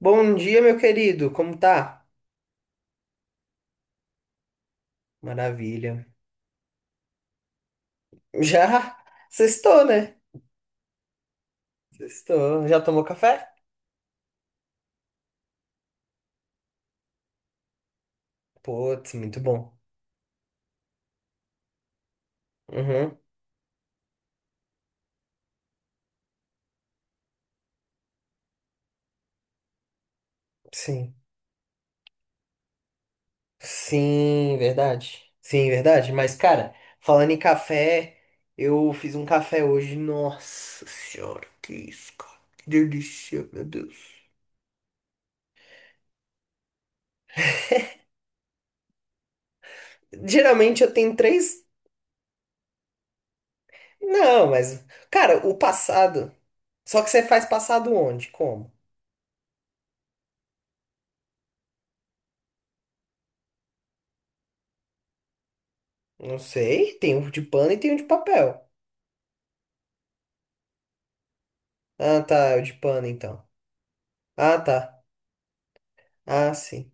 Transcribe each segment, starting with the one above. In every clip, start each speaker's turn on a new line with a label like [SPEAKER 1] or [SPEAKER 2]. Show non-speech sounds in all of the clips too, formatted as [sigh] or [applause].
[SPEAKER 1] Bom dia, meu querido. Como tá? Maravilha. Já sextou, né? Sextou. Já tomou café? Putz, muito bom. Uhum. Sim. Sim, verdade. Sim, verdade. Mas, cara, falando em café, eu fiz um café hoje. Nossa senhora, que isso, cara. Que delícia, meu Deus. Geralmente eu tenho três. Não, mas. Cara, o passado. Só que você faz passado onde? Como? Não sei. Tem um de pano e tem um de papel. Ah, tá, é o de pano, então. Ah, tá. Ah, sim.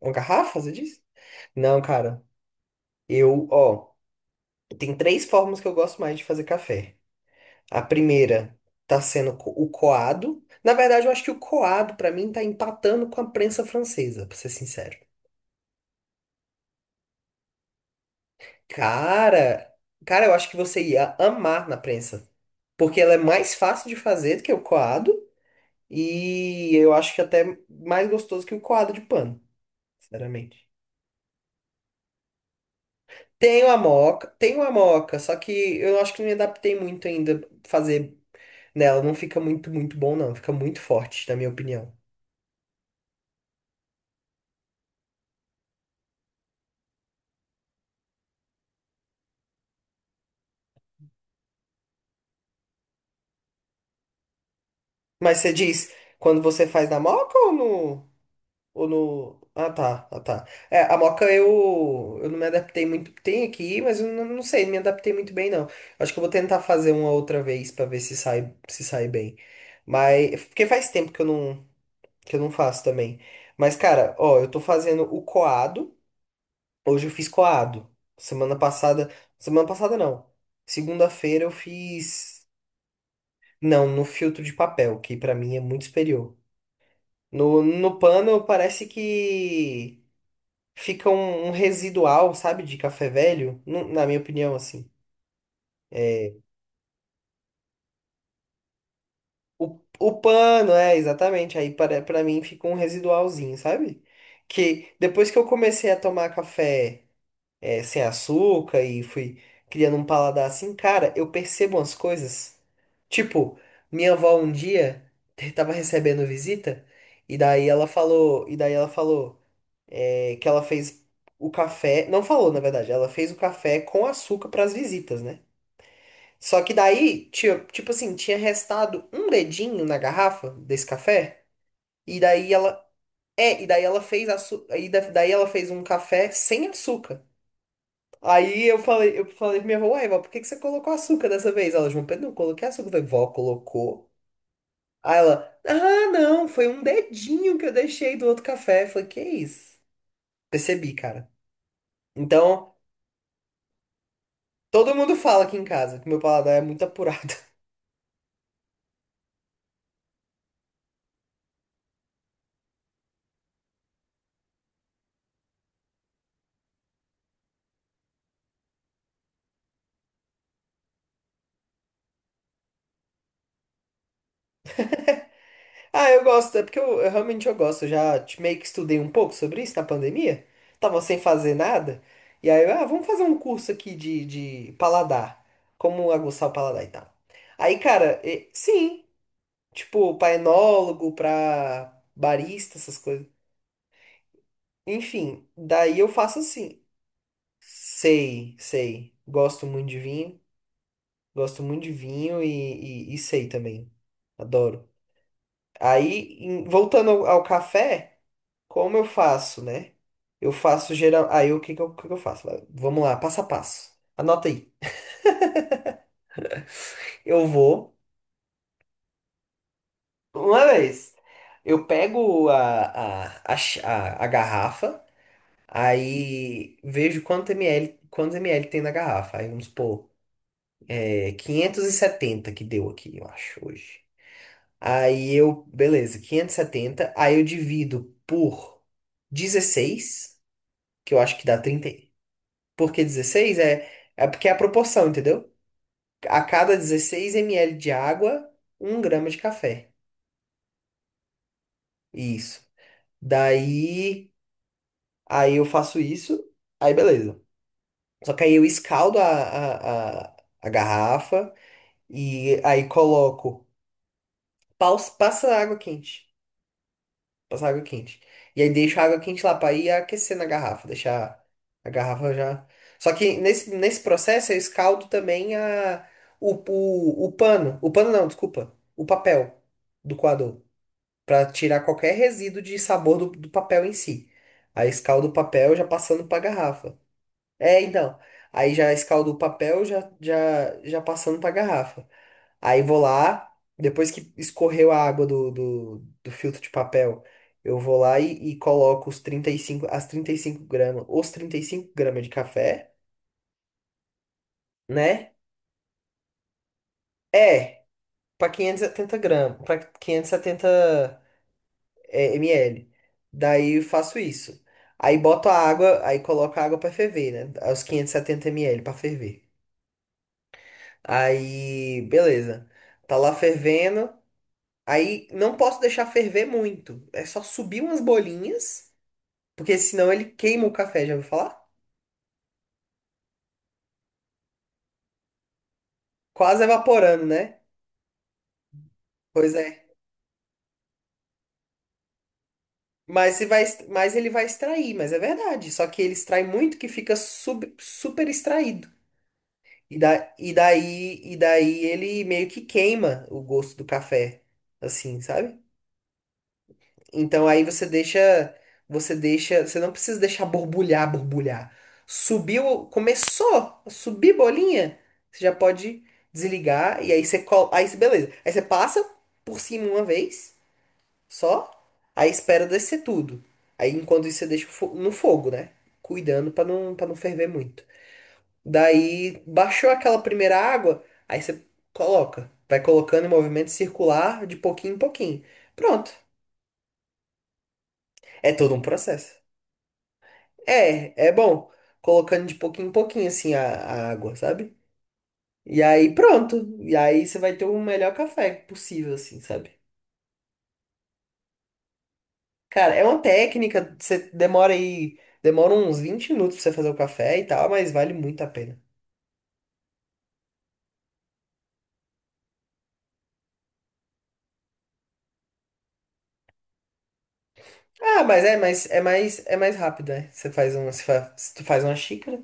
[SPEAKER 1] Uma garrafa, você disse? Não, cara. Eu, ó, tem três formas que eu gosto mais de fazer café. A primeira o coado. Na verdade, eu acho que o coado, pra mim, tá empatando com a prensa francesa, pra ser sincero. Cara, cara, eu acho que você ia amar na prensa. Porque ela é mais fácil de fazer do que o coado. E eu acho que até mais gostoso que o coado de pano, sinceramente. Tenho a moca, só que eu acho que não me adaptei muito ainda a fazer nela. Não fica muito, muito bom, não. Fica muito forte, na minha opinião. Mas você diz, quando você faz na moca ou no... Ah, tá, ah, tá. É, a moca eu não me adaptei muito. Tem aqui, mas eu não, não sei, não me adaptei muito bem, não. Acho que eu vou tentar fazer uma outra vez pra ver se sai, se sai bem. Mas, porque faz tempo que eu não faço também. Mas, cara, ó, eu tô fazendo o coado. Hoje eu fiz coado. Semana passada. Semana passada não. Segunda-feira eu fiz. Não, no filtro de papel, que pra mim é muito superior. No pano parece que fica um residual, sabe, de café velho. Na minha opinião, assim. O pano, é, exatamente. Aí para mim fica um residualzinho, sabe? Que depois que eu comecei a tomar café, é, sem açúcar e fui criando um paladar assim, cara, eu percebo umas coisas. Tipo, minha avó um dia [laughs] tava recebendo visita e daí ela falou, é, que ela fez o café, não falou, na verdade, ela fez o café com açúcar pras visitas, né? Só que daí, tio, tipo assim, tinha restado um dedinho na garrafa desse café, e daí ela, é, daí ela fez um café sem açúcar. Aí eu falei pra minha avó, uai, vó, por que que você colocou açúcar dessa vez? Ela, João Pedro, não coloquei açúcar. Eu falei, vó, colocou. Aí ela, ah, não, foi um dedinho que eu deixei do outro café. Eu falei, que é isso? Percebi, cara. Então, todo mundo fala aqui em casa que meu paladar é muito apurado. [laughs] Ah, eu gosto, é porque eu realmente eu gosto. Meio que estudei um pouco sobre isso na pandemia. Tava sem fazer nada. E aí, eu, ah, vamos fazer um curso aqui de paladar. Como aguçar o paladar e tal. Aí, cara, sim. Tipo, pra enólogo, pra barista, essas coisas. Enfim, daí eu faço assim. Sei, sei. Gosto muito de vinho. Gosto muito de vinho e sei também. Adoro. Aí, voltando ao café, como eu faço, né? Eu faço geral. Aí, o que que eu faço? Vamos lá, passo a passo. Anota aí. Eu vou, uma vez, eu pego a, ch- a garrafa. Aí vejo quantos ml tem na garrafa. Aí vamos supor, é 570 que deu aqui, eu acho, hoje. Aí eu, beleza, 570. Aí eu divido por 16, que eu acho que dá 30. Por que 16? É, é porque é a proporção, entendeu? A cada 16 ml de água, 1 grama de café. Isso. Daí, aí eu faço isso, aí beleza. Só que aí eu escaldo a garrafa. E aí coloco. Passa água quente. Passa água quente. E aí deixo a água quente lá pra ir aquecer na garrafa. Deixar a garrafa já. Só que nesse processo eu escaldo também a, o pano. O pano não, desculpa. O papel do coador. Pra tirar qualquer resíduo de sabor do papel em si. Aí escaldo o papel já passando pra garrafa. É, então. Aí já escaldo o papel já passando pra garrafa. Aí vou lá, depois que escorreu a água do filtro de papel, eu vou lá e coloco os 35 as 35 gramas, os 35 gramas de café, né? É, para 570 gramas, para 570, é, ml. Daí eu faço isso. Aí boto a água, aí coloco a água para ferver, né? Os 570 ml para ferver. Aí, beleza. Tá lá fervendo. Aí não posso deixar ferver muito. É só subir umas bolinhas. Porque senão ele queima o café, já ouviu falar? Quase evaporando, né? Pois é. Mas, se vai, mas ele vai extrair, mas é verdade. Só que ele extrai muito que fica super extraído. E, da, e daí ele meio que queima o gosto do café, assim, sabe? Então aí você deixa, você não precisa deixar borbulhar, borbulhar. Subiu, começou a subir bolinha, você já pode desligar e aí você, col- aí você- beleza. Aí você passa por cima uma vez. Só aí espera descer tudo. Aí enquanto isso você deixa no fogo, né? Cuidando pra não para não ferver muito. Daí baixou aquela primeira água, aí você coloca, vai colocando em movimento circular de pouquinho em pouquinho. Pronto. É todo um processo. É, é bom colocando de pouquinho em pouquinho assim a água, sabe? E aí pronto. E aí você vai ter o melhor café possível assim, sabe? Cara, é uma técnica, você demora aí, demora uns 20 minutos pra você fazer o café e tal, mas vale muito a pena. Ah, mais é mais rápido, né? Você faz uma, se tu faz uma xícara,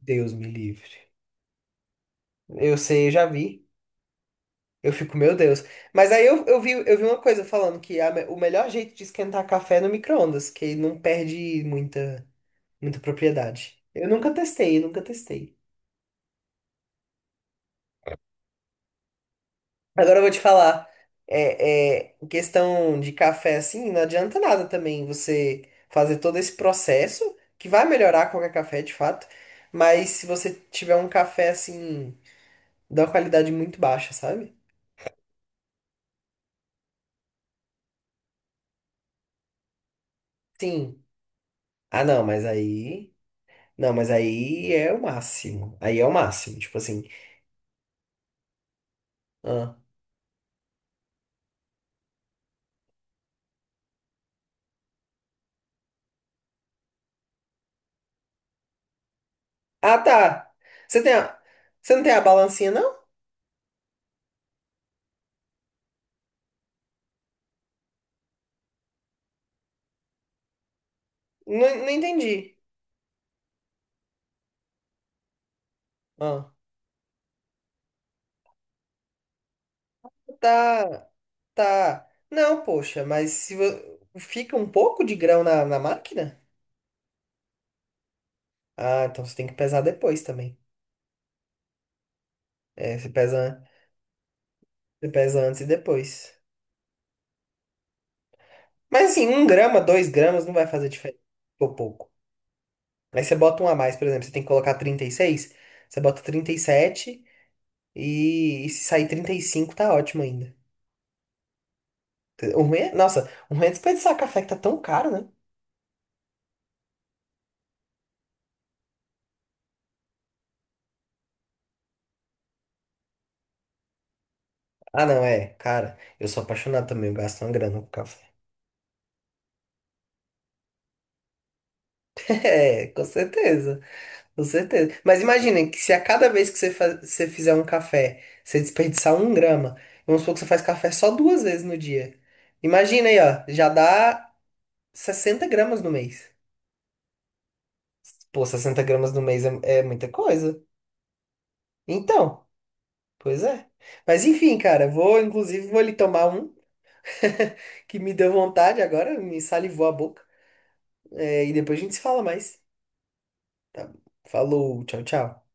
[SPEAKER 1] Deus me livre. Eu sei, eu já vi. Eu fico, meu Deus. Mas aí eu, eu vi uma coisa falando que o melhor jeito de esquentar café é no micro-ondas, que não perde muita propriedade. Eu nunca testei, eu nunca testei. Agora eu vou te falar. É, é, em questão de café, assim, não adianta nada também você fazer todo esse processo, que vai melhorar qualquer café, de fato, mas se você tiver um café, assim, da qualidade muito baixa, sabe? Sim. Ah, não, mas aí. Não, mas aí é o máximo. Aí é o máximo, tipo assim. Ah, Ah, tá. Você tem a... Você não tem a balancinha, não? Não, não entendi. Ah, tá. Tá. Não, poxa, mas se vo- fica um pouco de grão na máquina? Ah, então você tem que pesar depois também. É, você pesa antes e depois. Mas assim, 1 grama, 2 gramas não vai fazer diferença. Ficou pouco. Aí você bota um a mais, por exemplo, você tem que colocar 36, você bota trinta e, sete, e se sair 35 tá ótimo ainda. O ruim é, nossa, o ruim é desperdiçar café que tá tão caro, né? Ah, não, é, cara, eu sou apaixonado também, eu gasto uma grana com café. [laughs] É, com certeza. Com certeza. Mas imaginem que se a cada vez que você fizer um café, você desperdiçar 1 grama, vamos supor que você faz café só duas vezes no dia. Imagina aí, ó, já dá 60 gramas no mês. Pô, 60 gramas no mês é, é muita coisa. Então, pois é. Mas enfim, cara, vou, inclusive, vou ali tomar um, [laughs] que me deu vontade agora, me salivou a boca. É, e depois a gente se fala mais. Tá? Falou, tchau, tchau.